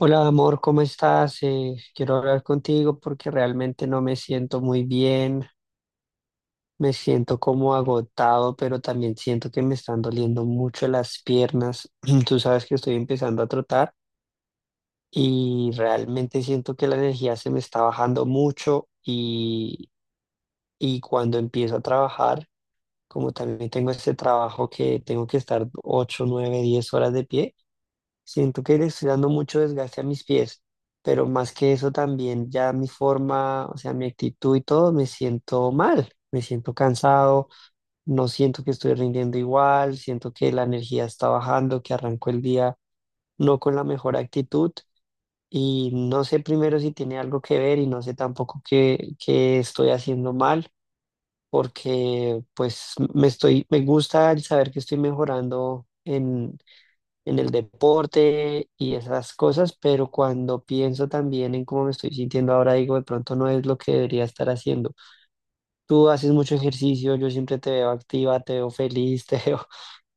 Hola amor, ¿cómo estás? Quiero hablar contigo porque realmente no me siento muy bien, me siento como agotado, pero también siento que me están doliendo mucho las piernas. Tú sabes que estoy empezando a trotar y realmente siento que la energía se me está bajando mucho y cuando empiezo a trabajar, como también tengo este trabajo que tengo que estar 8, 9, 10 horas de pie. Siento que le estoy dando mucho desgaste a mis pies, pero más que eso también ya mi forma, o sea, mi actitud y todo, me siento mal, me siento cansado, no siento que estoy rindiendo igual, siento que la energía está bajando, que arranco el día no con la mejor actitud y no sé primero si tiene algo que ver y no sé tampoco qué estoy haciendo mal, porque pues me gusta el saber que estoy mejorando en el deporte y esas cosas, pero cuando pienso también en cómo me estoy sintiendo ahora, digo, de pronto no es lo que debería estar haciendo. Tú haces mucho ejercicio, yo siempre te veo activa, te veo feliz, te veo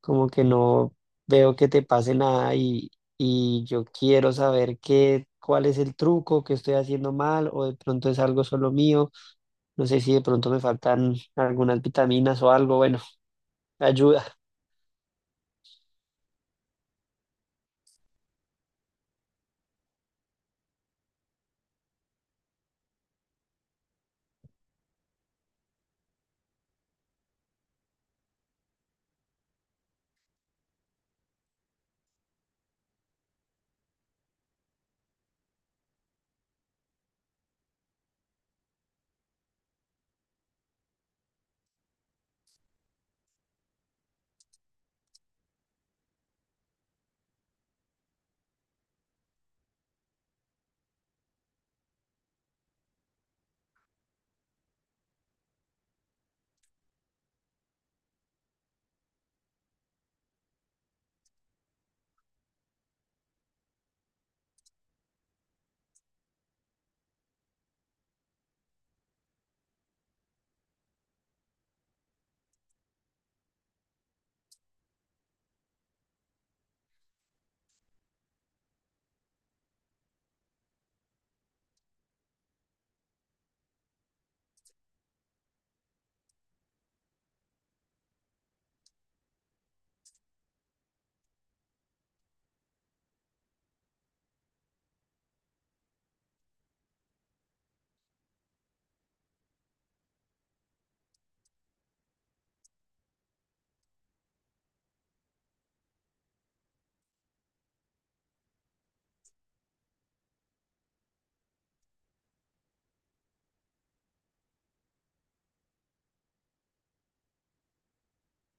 como que no veo que te pase nada y yo quiero saber cuál es el truco que estoy haciendo mal o de pronto es algo solo mío, no sé si de pronto me faltan algunas vitaminas o algo, bueno, ayuda.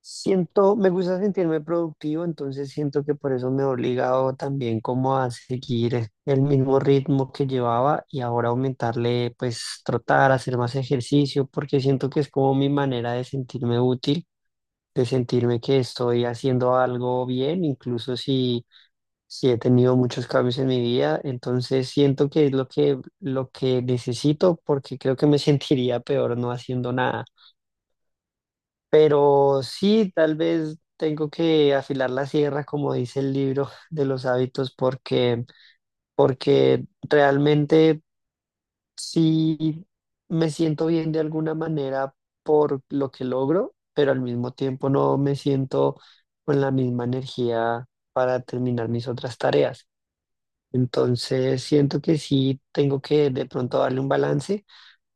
Siento, me gusta sentirme productivo, entonces siento que por eso me he obligado también como a seguir el mismo ritmo que llevaba y ahora aumentarle, pues trotar, hacer más ejercicio, porque siento que es como mi manera de sentirme útil, de sentirme que estoy haciendo algo bien, incluso si he tenido muchos cambios en mi vida, entonces siento que es lo que necesito, porque creo que me sentiría peor no haciendo nada. Pero sí, tal vez tengo que afilar la sierra, como dice el libro de los hábitos, porque realmente sí me siento bien de alguna manera por lo que logro, pero al mismo tiempo no me siento con la misma energía para terminar mis otras tareas. Entonces siento que sí tengo que de pronto darle un balance,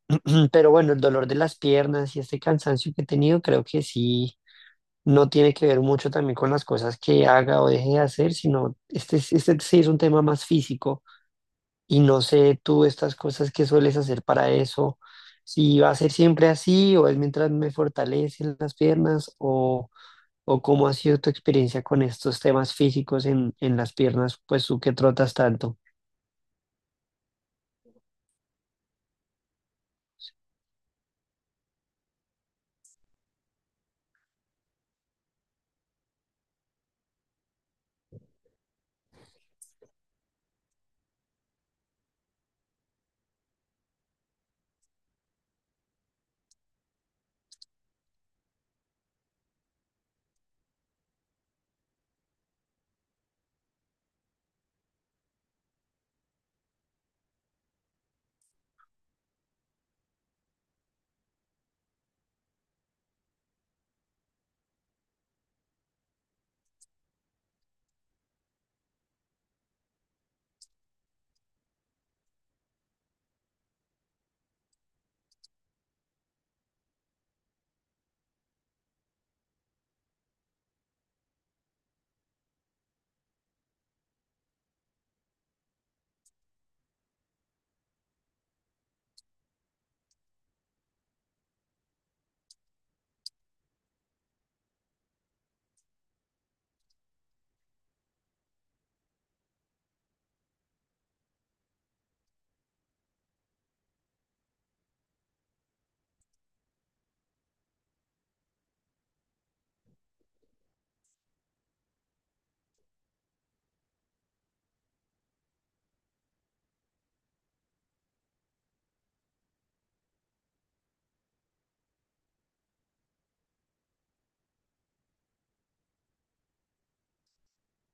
pero bueno, el dolor de las piernas y este cansancio que he tenido, creo que sí no tiene que ver mucho también con las cosas que haga o deje de hacer, sino este sí es un tema más físico y no sé tú estas cosas que sueles hacer para eso, si va a ser siempre así o es mientras me fortalecen las piernas o cómo ha sido tu experiencia con estos temas físicos en las piernas, pues tú que trotas tanto.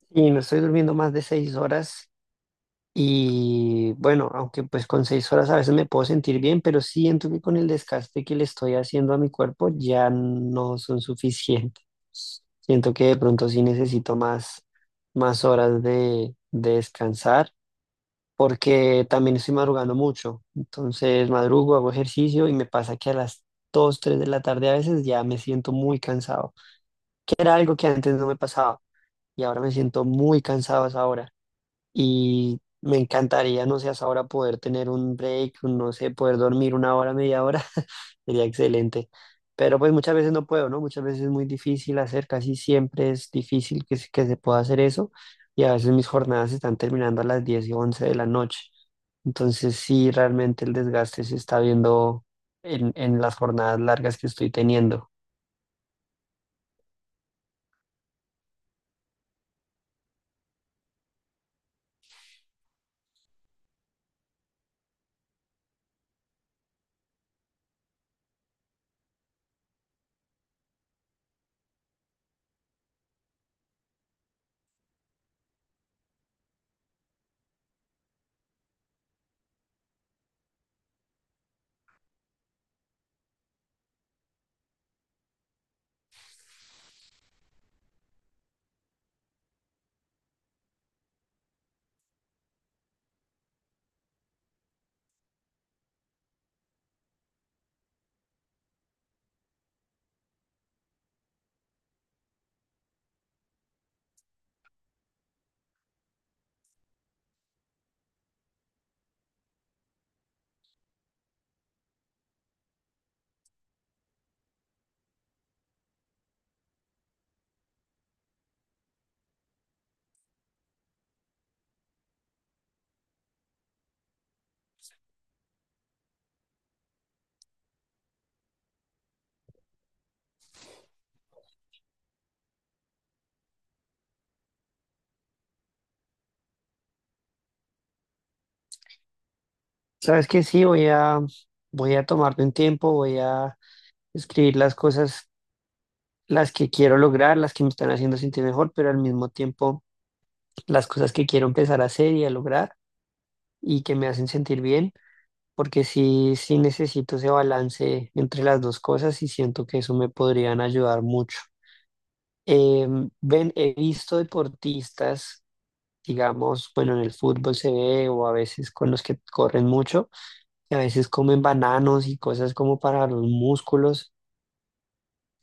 Y no estoy durmiendo más de 6 horas. Y bueno, aunque pues con 6 horas a veces me puedo sentir bien, pero siento que con el desgaste que le estoy haciendo a mi cuerpo ya no son suficientes. Siento que de pronto sí necesito más horas de descansar, porque también estoy madrugando mucho. Entonces madrugo, hago ejercicio y me pasa que a las 2-3 de la tarde a veces ya me siento muy cansado, que era algo que antes no me pasaba y ahora me siento muy cansado a esa hora y me encantaría, no sé, hasta ahora poder tener un break, un, no sé, poder dormir una hora, media hora, sería excelente. Pero pues muchas veces no puedo, ¿no? Muchas veces es muy difícil hacer, casi siempre es difícil que se pueda hacer eso y a veces mis jornadas están terminando a las 10 y 11 de la noche. Entonces sí, realmente el desgaste se está viendo en las jornadas largas que estoy teniendo. ¿Sabes qué? Sí, voy a tomarme un tiempo, voy a escribir las cosas, las que quiero lograr, las que me están haciendo sentir mejor, pero al mismo tiempo las cosas que quiero empezar a hacer y a lograr y que me hacen sentir bien, porque sí necesito ese balance entre las dos cosas y siento que eso me podrían ayudar mucho. Ven, he visto deportistas, digamos, bueno, en el fútbol se ve o a veces con los que corren mucho, que a veces comen bananos y cosas como para los músculos.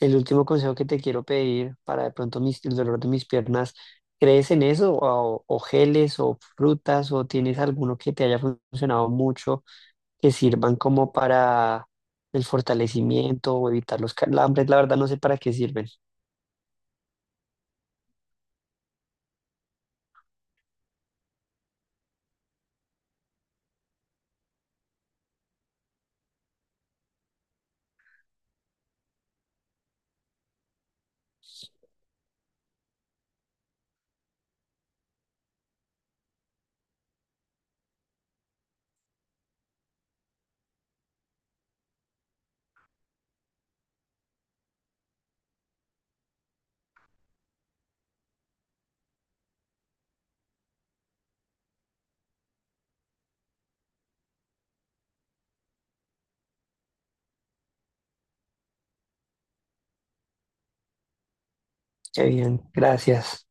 El último consejo que te quiero pedir para de pronto el dolor de mis piernas, ¿crees en eso? O geles o frutas o tienes alguno que te haya funcionado mucho que sirvan como para el fortalecimiento o evitar los calambres. La verdad no sé para qué sirven. Qué bien, gracias.